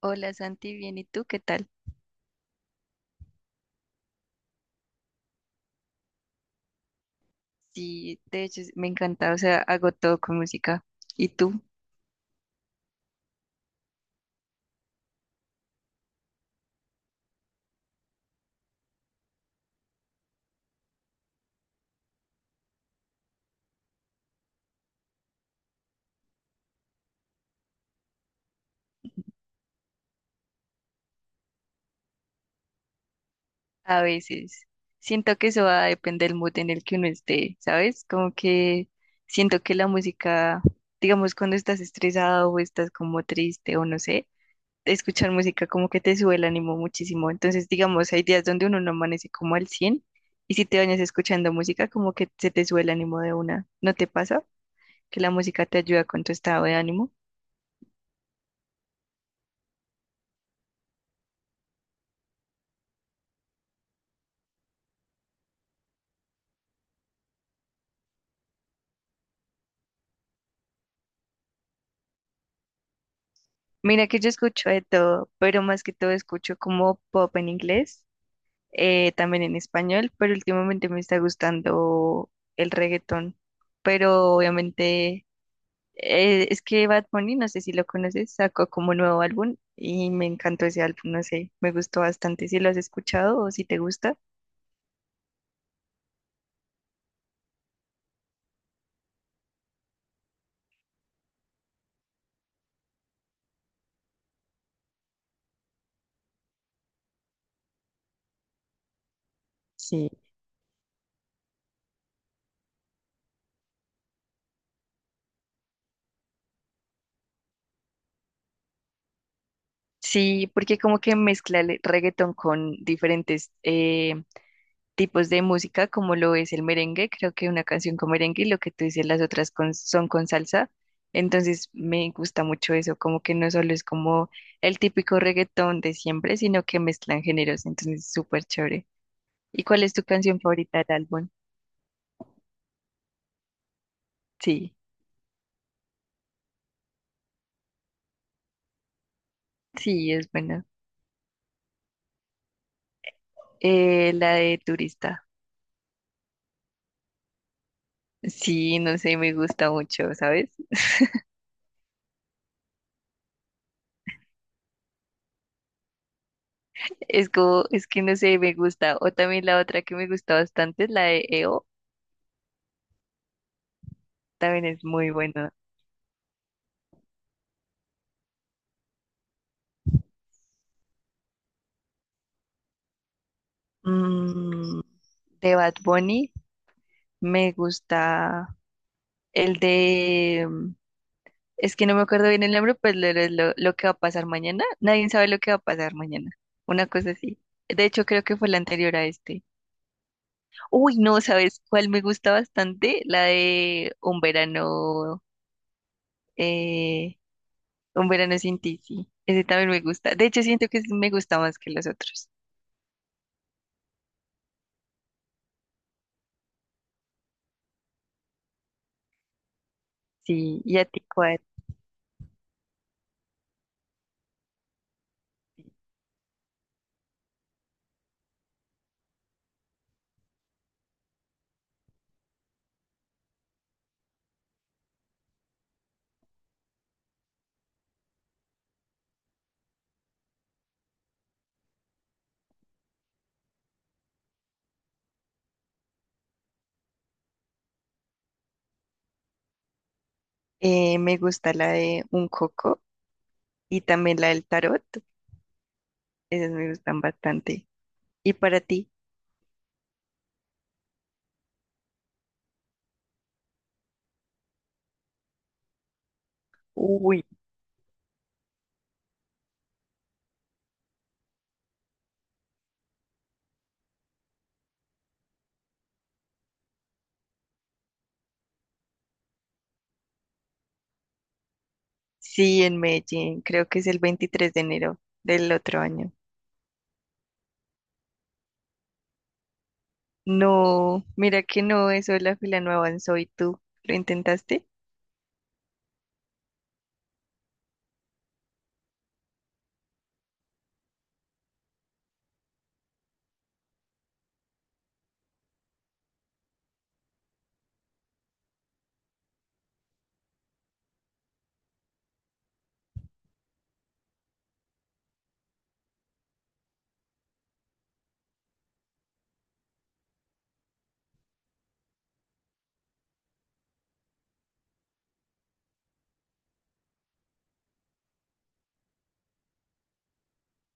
Hola Santi, bien, ¿y tú qué tal? Sí, de hecho me encanta, o sea, hago todo con música. ¿Y tú? A veces. Siento que eso va a depender del mood en el que uno esté, ¿sabes? Como que siento que la música, digamos, cuando estás estresado o estás como triste o no sé, escuchar música como que te sube el ánimo muchísimo. Entonces, digamos, hay días donde uno no amanece como al 100 y si te bañas escuchando música, como que se te sube el ánimo de una. ¿No te pasa? Que la música te ayuda con tu estado de ánimo. Mira que yo escucho de todo, pero más que todo escucho como pop en inglés, también en español, pero últimamente me está gustando el reggaetón. Pero obviamente es que Bad Bunny, no sé si lo conoces, sacó como nuevo álbum y me encantó ese álbum, no sé, me gustó bastante. Si lo has escuchado o si te gusta. Sí, sí, porque como que mezcla el reggaetón con diferentes tipos de música como lo es el merengue. Creo que una canción con merengue y lo que tú dices, las otras con- son con salsa. Entonces me gusta mucho eso, como que no solo es como el típico reggaetón de siempre, sino que mezclan géneros. Entonces es súper chévere. ¿Y cuál es tu canción favorita del álbum? Sí, sí, es buena. La de Turista. Sí, no sé, me gusta mucho, ¿sabes? Es como, es que no sé, me gusta. O también la otra que me gusta bastante, la de E o también es muy buena. Mm, de Bad Bunny, me gusta el de, es que no me acuerdo bien el nombre, pues lo que va a pasar mañana. Nadie sabe lo que va a pasar mañana. Una cosa así. De hecho, creo que fue la anterior a este. Uy, no, ¿sabes cuál me gusta bastante? La de eh, Un verano sin ti, sí. Ese también me gusta. De hecho, siento que ese me gusta más que los otros. Sí, ¿y a ti cuál? Me gusta la de Un coco y también la del tarot. Esas me gustan bastante. ¿Y para ti? Uy, sí, en Medellín, creo que es el 23 de enero del otro año. No, mira que no, eso de la fila no avanzó y tú lo intentaste.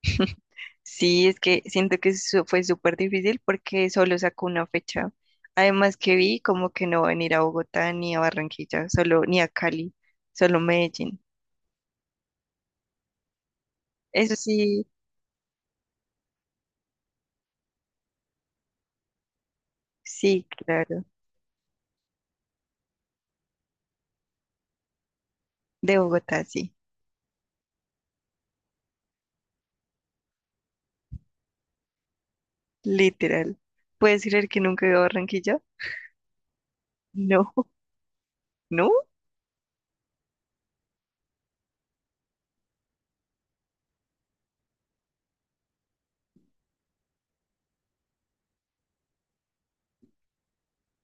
Sí, es que siento que eso fue súper difícil porque solo sacó una fecha. Además que vi como que no van a ir a Bogotá ni a Barranquilla, solo ni a Cali, solo Medellín. Eso sí, sí, claro. De Bogotá, sí, literal. ¿Puedes creer que nunca he ido a Barranquilla? No, no.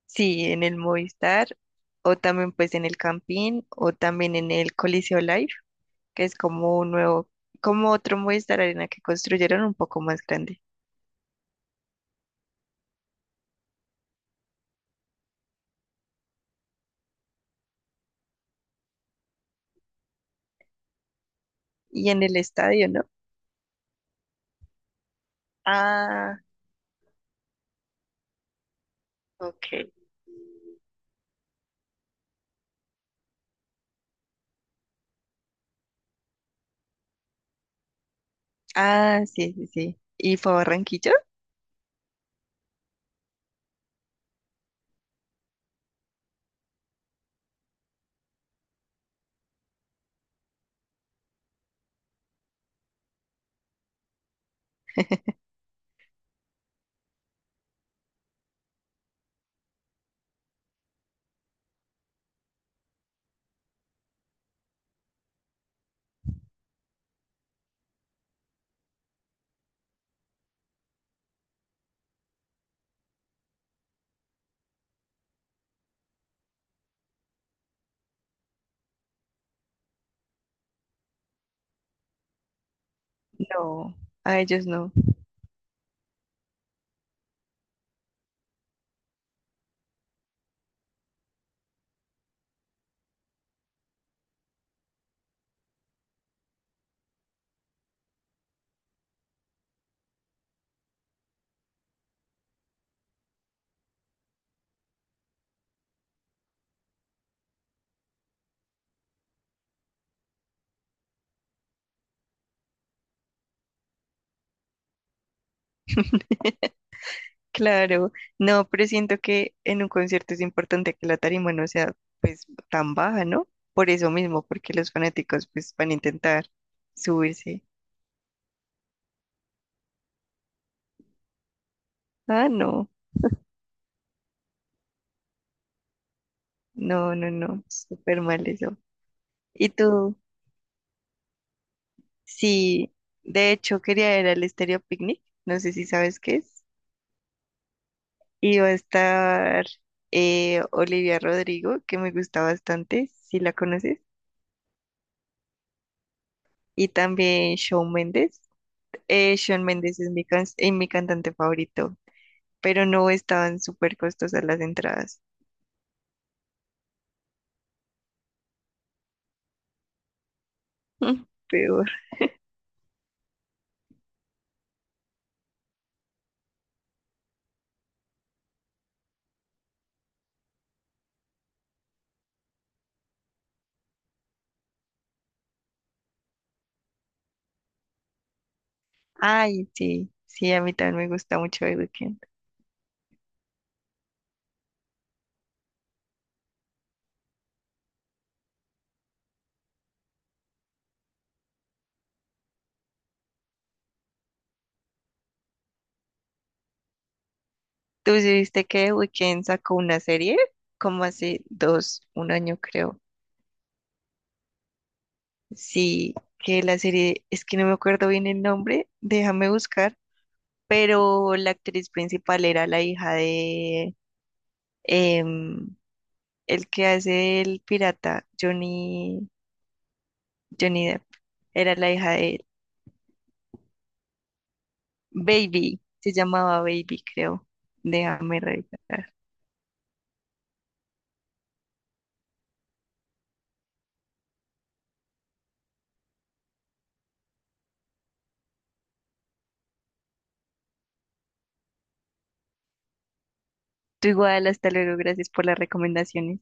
Sí, en el Movistar o también pues en el Campín o también en el Coliseo Live, que es como un nuevo, como otro Movistar Arena que construyeron un poco más grande. Y en el estadio, ¿no? Ah, ok. Ah, sí, sí, sí. ¿Y fue a Barranquilla? No, a ellos no. Claro, no, pero siento que en un concierto es importante que la tarima no sea pues tan baja, ¿no? Por eso mismo, porque los fanáticos pues van a intentar subirse. Ah, no. No, no, no, súper mal eso. ¿Y tú? Sí, de hecho quería ir al Estéreo Picnic, no sé si sabes qué es. Y va a estar Olivia Rodrigo, que me gusta bastante, si la conoces. Y también Shawn Mendes. Shawn Mendes es mi cantante favorito, pero no estaban súper costosas las entradas. Peor. Ay, sí, sí, a mí también me gusta mucho The Weeknd. ¿Tú sí viste que Weeknd sacó una serie? Como hace dos, un año creo. Sí, que la serie, es que no me acuerdo bien el nombre, déjame buscar, pero la actriz principal era la hija de em, el que hace el pirata, Johnny, Johnny Depp. Era la hija de él. Baby, se llamaba Baby, creo. Déjame revisar. Tú igual, hasta luego, gracias por las recomendaciones.